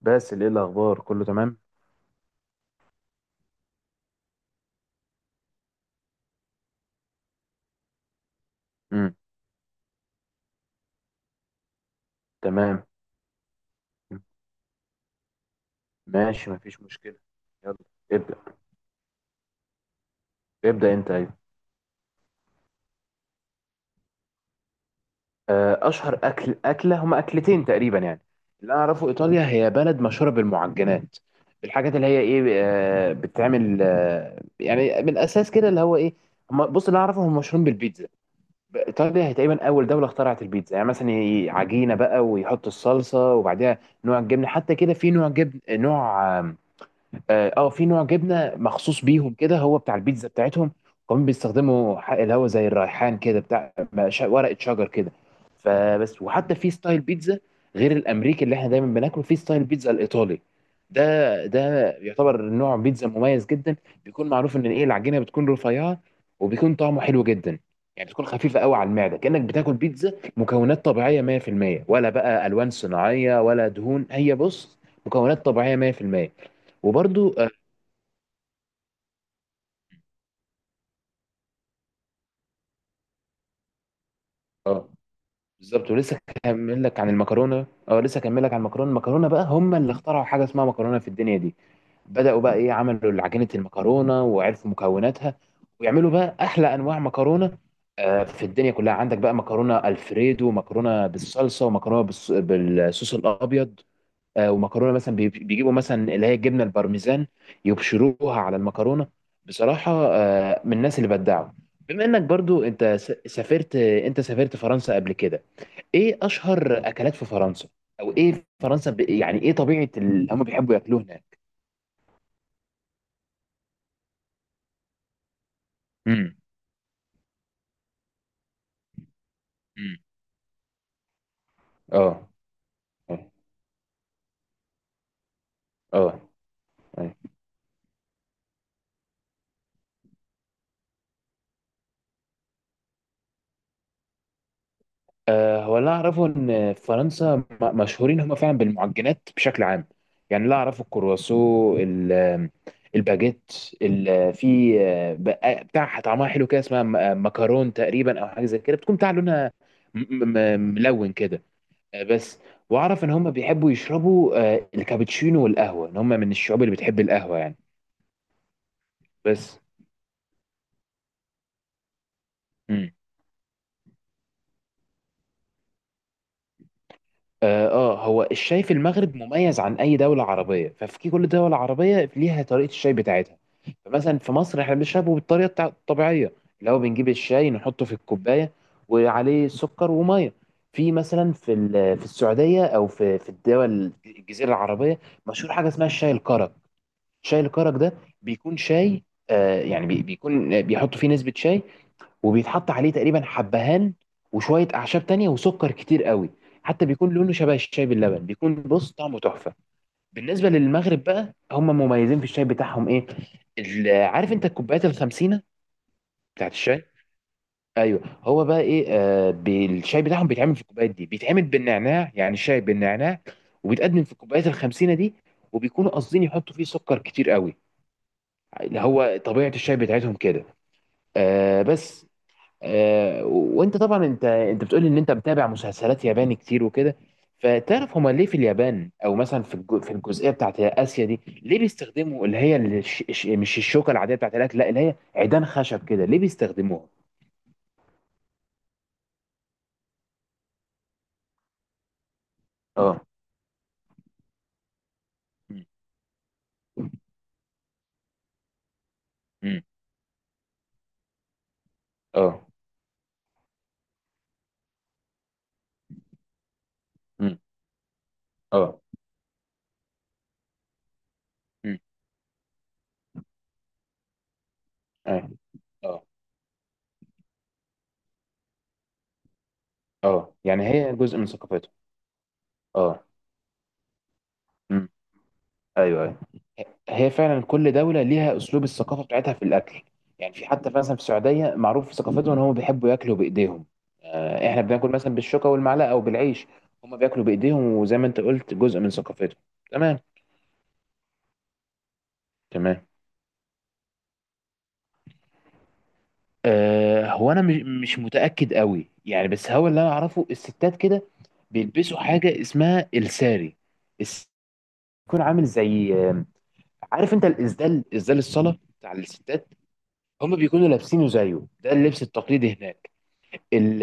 بس ايه الاخبار؟ كله تمام. امم تمام. ماشي، مفيش مشكله. يلا. ابدا ابدا انت، ايوه. اشهر اكله هما اكلتين تقريبا، يعني، اللي انا اعرفه ايطاليا هي بلد مشهوره بالمعجنات. الحاجات اللي هي ايه، بتتعمل، يعني من الاساس كده اللي هو ايه. هما، بص، اللي أنا اعرفه هم مشهورين بالبيتزا. ايطاليا هي تقريبا اول دوله اخترعت البيتزا. يعني مثلا عجينه بقى، ويحط الصلصه، وبعدها نوع الجبنه. حتى كده في نوع جبن، نوع. في نوع جبنه مخصوص بيهم كده، هو بتاع البيتزا بتاعتهم. كمان بيستخدموا اللي هو زي الريحان كده، بتاع ورقه شجر كده. فبس، وحتى في ستايل بيتزا غير الامريكي اللي احنا دايما بناكله، في ستايل بيتزا الايطالي ده يعتبر نوع بيتزا مميز جدا. بيكون معروف ان ايه العجينه بتكون رفيعه، وبيكون طعمه حلو جدا. يعني بتكون خفيفه قوي على المعده، كانك بتاكل بيتزا مكونات طبيعيه 100%، ولا بقى الوان صناعيه ولا دهون. هي، بص، مكونات طبيعيه 100%. وبرضو، اه، بالظبط. ولسه هكمل لك عن المكرونه، لسه هكمل لك عن المكرونه بقى، هم اللي اخترعوا حاجه اسمها مكرونه في الدنيا دي. بداوا بقى، ايه، عملوا عجينه المكرونه وعرفوا مكوناتها، ويعملوا بقى احلى انواع مكرونه في الدنيا كلها. عندك بقى مكرونه الفريدو، ومكرونه بالصلصه، ومكرونه بالصوص الابيض، ومكرونه مثلا بيجيبوا مثلا اللي هي الجبنه البارميزان، يبشروها على المكرونه. بصراحه، من الناس اللي بدعوا. بما انك برضو سافرت، انت سافرت فرنسا قبل كده، ايه اشهر اكلات في فرنسا؟ او ايه فرنسا، يعني ايه طبيعه اللي هم بيحبوا ياكلوه هناك؟ امم امم اه اه اه، أيوة. هو اللي اعرفه ان في فرنسا، مشهورين هم فعلا بالمعجنات بشكل عام. يعني اللي اعرفه الكرواسو، الباجيت، في، بتاع طعمها حلو كده، اسمها مكرون تقريبا، او حاجه زي كده، بتكون بتاع لونها م- ملون كده. بس. واعرف ان هم بيحبوا يشربوا الكابتشينو والقهوه، ان هم من الشعوب اللي بتحب القهوه، يعني. بس. مم. اه، هو الشاي في المغرب مميز عن اي دوله عربيه. ففي كل دوله عربيه ليها طريقه الشاي بتاعتها. فمثلا في مصر احنا بنشربه بالطريقه الطبيعيه، اللي هو بنجيب الشاي، نحطه في الكوبايه، وعليه سكر وميه. مثلا في في السعوديه، او في الدول الجزيره العربيه، مشهور حاجه اسمها الشاي الكرك. شاي الكرك ده بيكون شاي، يعني، بيكون بيحطوا فيه نسبة شاي، وبيتحط عليه تقريبا حبهان، وشوية أعشاب تانية، وسكر كتير قوي. حتى بيكون لونه شبه الشاي باللبن، بيكون، بص، طعمه تحفة. بالنسبة للمغرب بقى، هم مميزين في الشاي بتاعهم، إيه، عارف أنت الكوبايات الخمسينة بتاعت الشاي؟ ايوه. هو بقى ايه، الشاي بتاعهم بيتعمل في الكوبايات دي، بيتعمل بالنعناع، يعني الشاي بالنعناع، وبيتقدم في الكوبايات الخمسينة دي. وبيكونوا قاصدين يحطوا فيه سكر كتير قوي، اللي هو طبيعه الشاي بتاعتهم كده. بس. وانت طبعا، انت بتقول ان انت متابع مسلسلات ياباني كتير وكده، فتعرف، هما ليه في اليابان، او مثلا في في الجزئيه بتاعت اسيا دي، ليه بيستخدموا اللي هي مش الشوكه العاديه بتاعت الاكل، لا، اللي هي عيدان خشب كده، ليه بيستخدموها؟ اه. مم. مم. اه. مم. اه. مم. اه اه اه، يعني هي جزء من ثقافتهم. اه. مم. ايوه، أيوة. هي فعلا كل دولة ليها أسلوب الثقافة بتاعتها في الأكل. يعني في حتى مثلا في السعودية معروف في ثقافتهم إن هم بيحبوا ياكلوا بإيديهم. إحنا بناكل مثلا بالشوكة والمعلقة أو بالعيش، هم بياكلوا بإيديهم، وزي ما أنت قلت جزء من ثقافتهم. تمام. تمام. هو أنا مش متأكد قوي يعني، بس هو اللي أنا أعرفه الستات كده بيلبسوا حاجة اسمها الساري. الس- بيكون عامل زي، عارف أنت الإسدال، إسدال الصلاة بتاع الستات؟ هم بيكونوا لابسينه زيه. ده اللبس التقليدي هناك. ال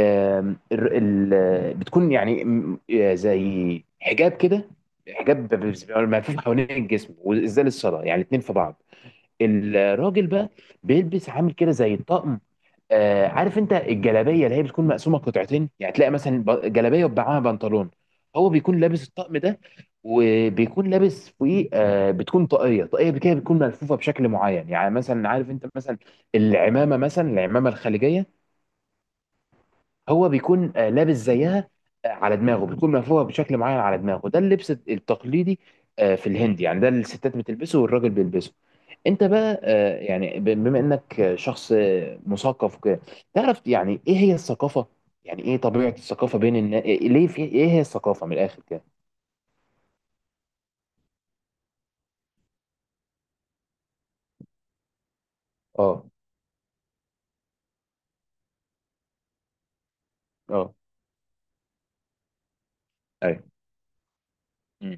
ال ال بتكون يعني، زي حجاب كده. حجاب ملفوف حوالين الجسم، وازاي للصلاه، يعني اتنين في بعض. الراجل بقى بيلبس عامل كده زي الطقم. عارف انت الجلابيه اللي هي بتكون مقسومه قطعتين، يعني تلاقي مثلا جلابيه وبعها بنطلون. هو بيكون لابس الطقم ده، وبيكون لابس فوقيه بتكون طاقيه، طاقيه كده بتكون ملفوفه بشكل معين. يعني مثلا عارف انت مثلا، العمامه مثلا، العمامه الخليجيه، هو بيكون لابس زيها. على دماغه بتكون مرفوعه بشكل معين على دماغه. ده اللبس التقليدي في الهند، يعني ده اللي الستات بتلبسه والراجل بيلبسه. انت بقى، يعني بما انك، شخص مثقف وكده، تعرف يعني ايه هي الثقافه؟ يعني ايه طبيعه الثقافه بين الناس، ليه، في، ايه هي الثقافه من الاخر كده؟ اه. اه. ايوه. مم.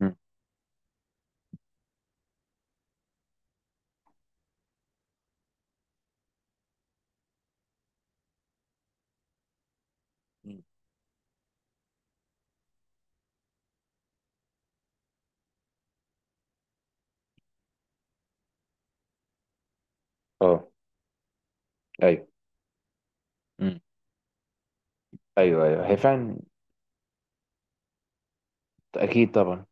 مم. مم. اه. ايوه. مم. ايوه ايوه، هي فعلا. اكيد طبعا.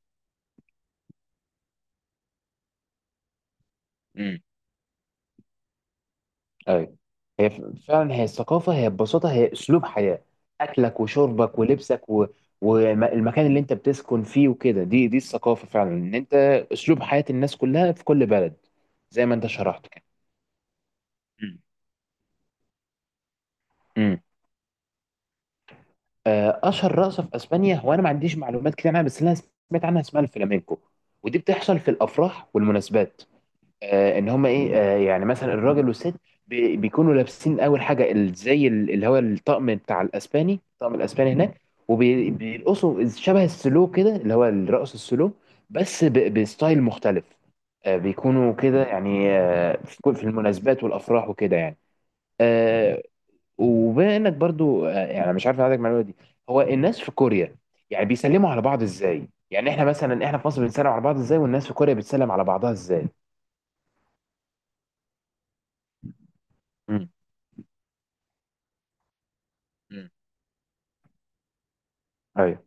ايوه. هي فعلا، هي الثقافه هي ببساطه هي اسلوب حياه، اكلك وشربك ولبسك و، والمكان اللي انت بتسكن فيه وكده. دي الثقافه فعلا، ان انت اسلوب حياه الناس كلها في كل بلد، زي ما انت شرحت كده. مم. مم. اشهر رقصه في اسبانيا، هو انا ما عنديش معلومات كتير عنها، بس اللي انا سمعت عنها اسمها الفلامينكو. ودي بتحصل في الافراح والمناسبات. ان هما ايه، يعني مثلا الراجل والست بيكونوا لابسين اول حاجه زي اللي هو الطقم بتاع الاسباني، الطقم الاسباني هناك، وبيرقصوا شبه السلو كده، اللي هو الرقص السلو، بس بستايل مختلف. بيكونوا كده يعني، في في المناسبات والافراح وكده، يعني. آه، وبما انك برضو، يعني مش عارف عندك المعلومه دي، هو الناس في كوريا يعني بيسلموا على بعض ازاي؟ يعني احنا مثلا في مصر بنسلم على بعض ازاي، والناس في كوريا بتسلم على بعضها ازاي؟ مم. ايوه.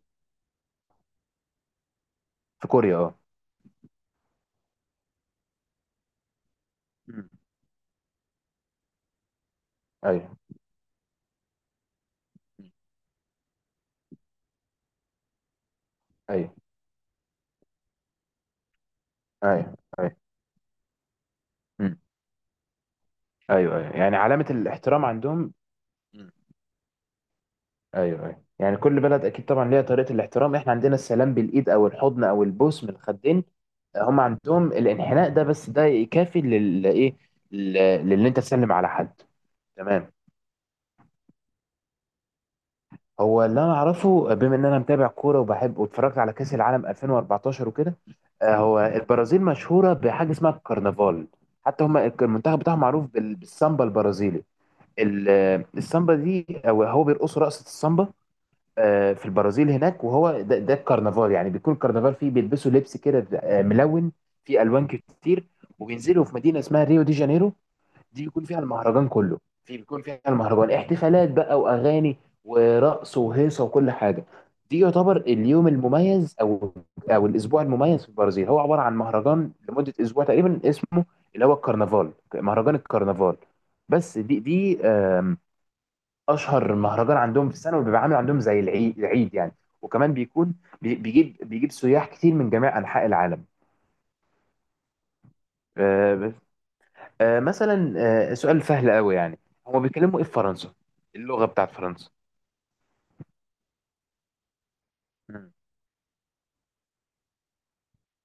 في كوريا، اه. مم. ايوه ايوه ايوه ايوه. مم. ايوه ايوه، يعني علامة الاحترام عندهم. مم. ايوه ايوه، يعني كل بلد اكيد طبعا ليها طريقة الاحترام. احنا عندنا السلام بالايد، او الحضن، او البوس من الخدين. هم عندهم الانحناء ده، بس ده يكافي لل، ايه، لل- للي انت تسلم على حد. تمام. هو اللي انا اعرفه، بما ان انا متابع كوره وبحب، واتفرجت على كاس العالم 2014 وكده، هو البرازيل مشهوره بحاجه اسمها الكرنفال. حتى هم المنتخب بتاعهم معروف بالسامبا البرازيلي، السامبا دي، أو هو بيرقصوا رقصه السامبا في البرازيل هناك. وهو ده الكرنفال، يعني بيكون الكرنفال فيه، بيلبسوا لبس كده ملون، فيه الوان كتير. وبينزلوا في مدينه اسمها ريو دي جانيرو. دي بيكون فيها المهرجان كله، بيكون فيها المهرجان، احتفالات بقى واغاني ورقص وهيصه وكل حاجه. دي يعتبر اليوم المميز، او الاسبوع المميز في البرازيل. هو عباره عن مهرجان لمده اسبوع تقريبا، اسمه اللي هو الكرنفال، مهرجان الكرنفال. بس، دي اشهر مهرجان عندهم في السنه، وبيبقى عامل عندهم زي العيد العيد، يعني. وكمان بيكون بيجيب سياح كتير من جميع انحاء العالم. آه، مثلا، سؤال سهل قوي يعني، هما بيتكلموا ايه في فرنسا؟ اللغة بتاعت فرنسا؟ مم.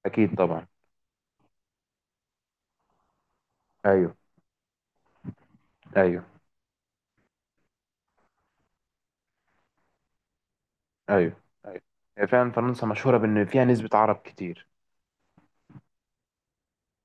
اكيد طبعا. ايوه ايوه. ايوه ايوه، هي فعلا فرنسا مشهورة بان فيها نسبة عرب كتير.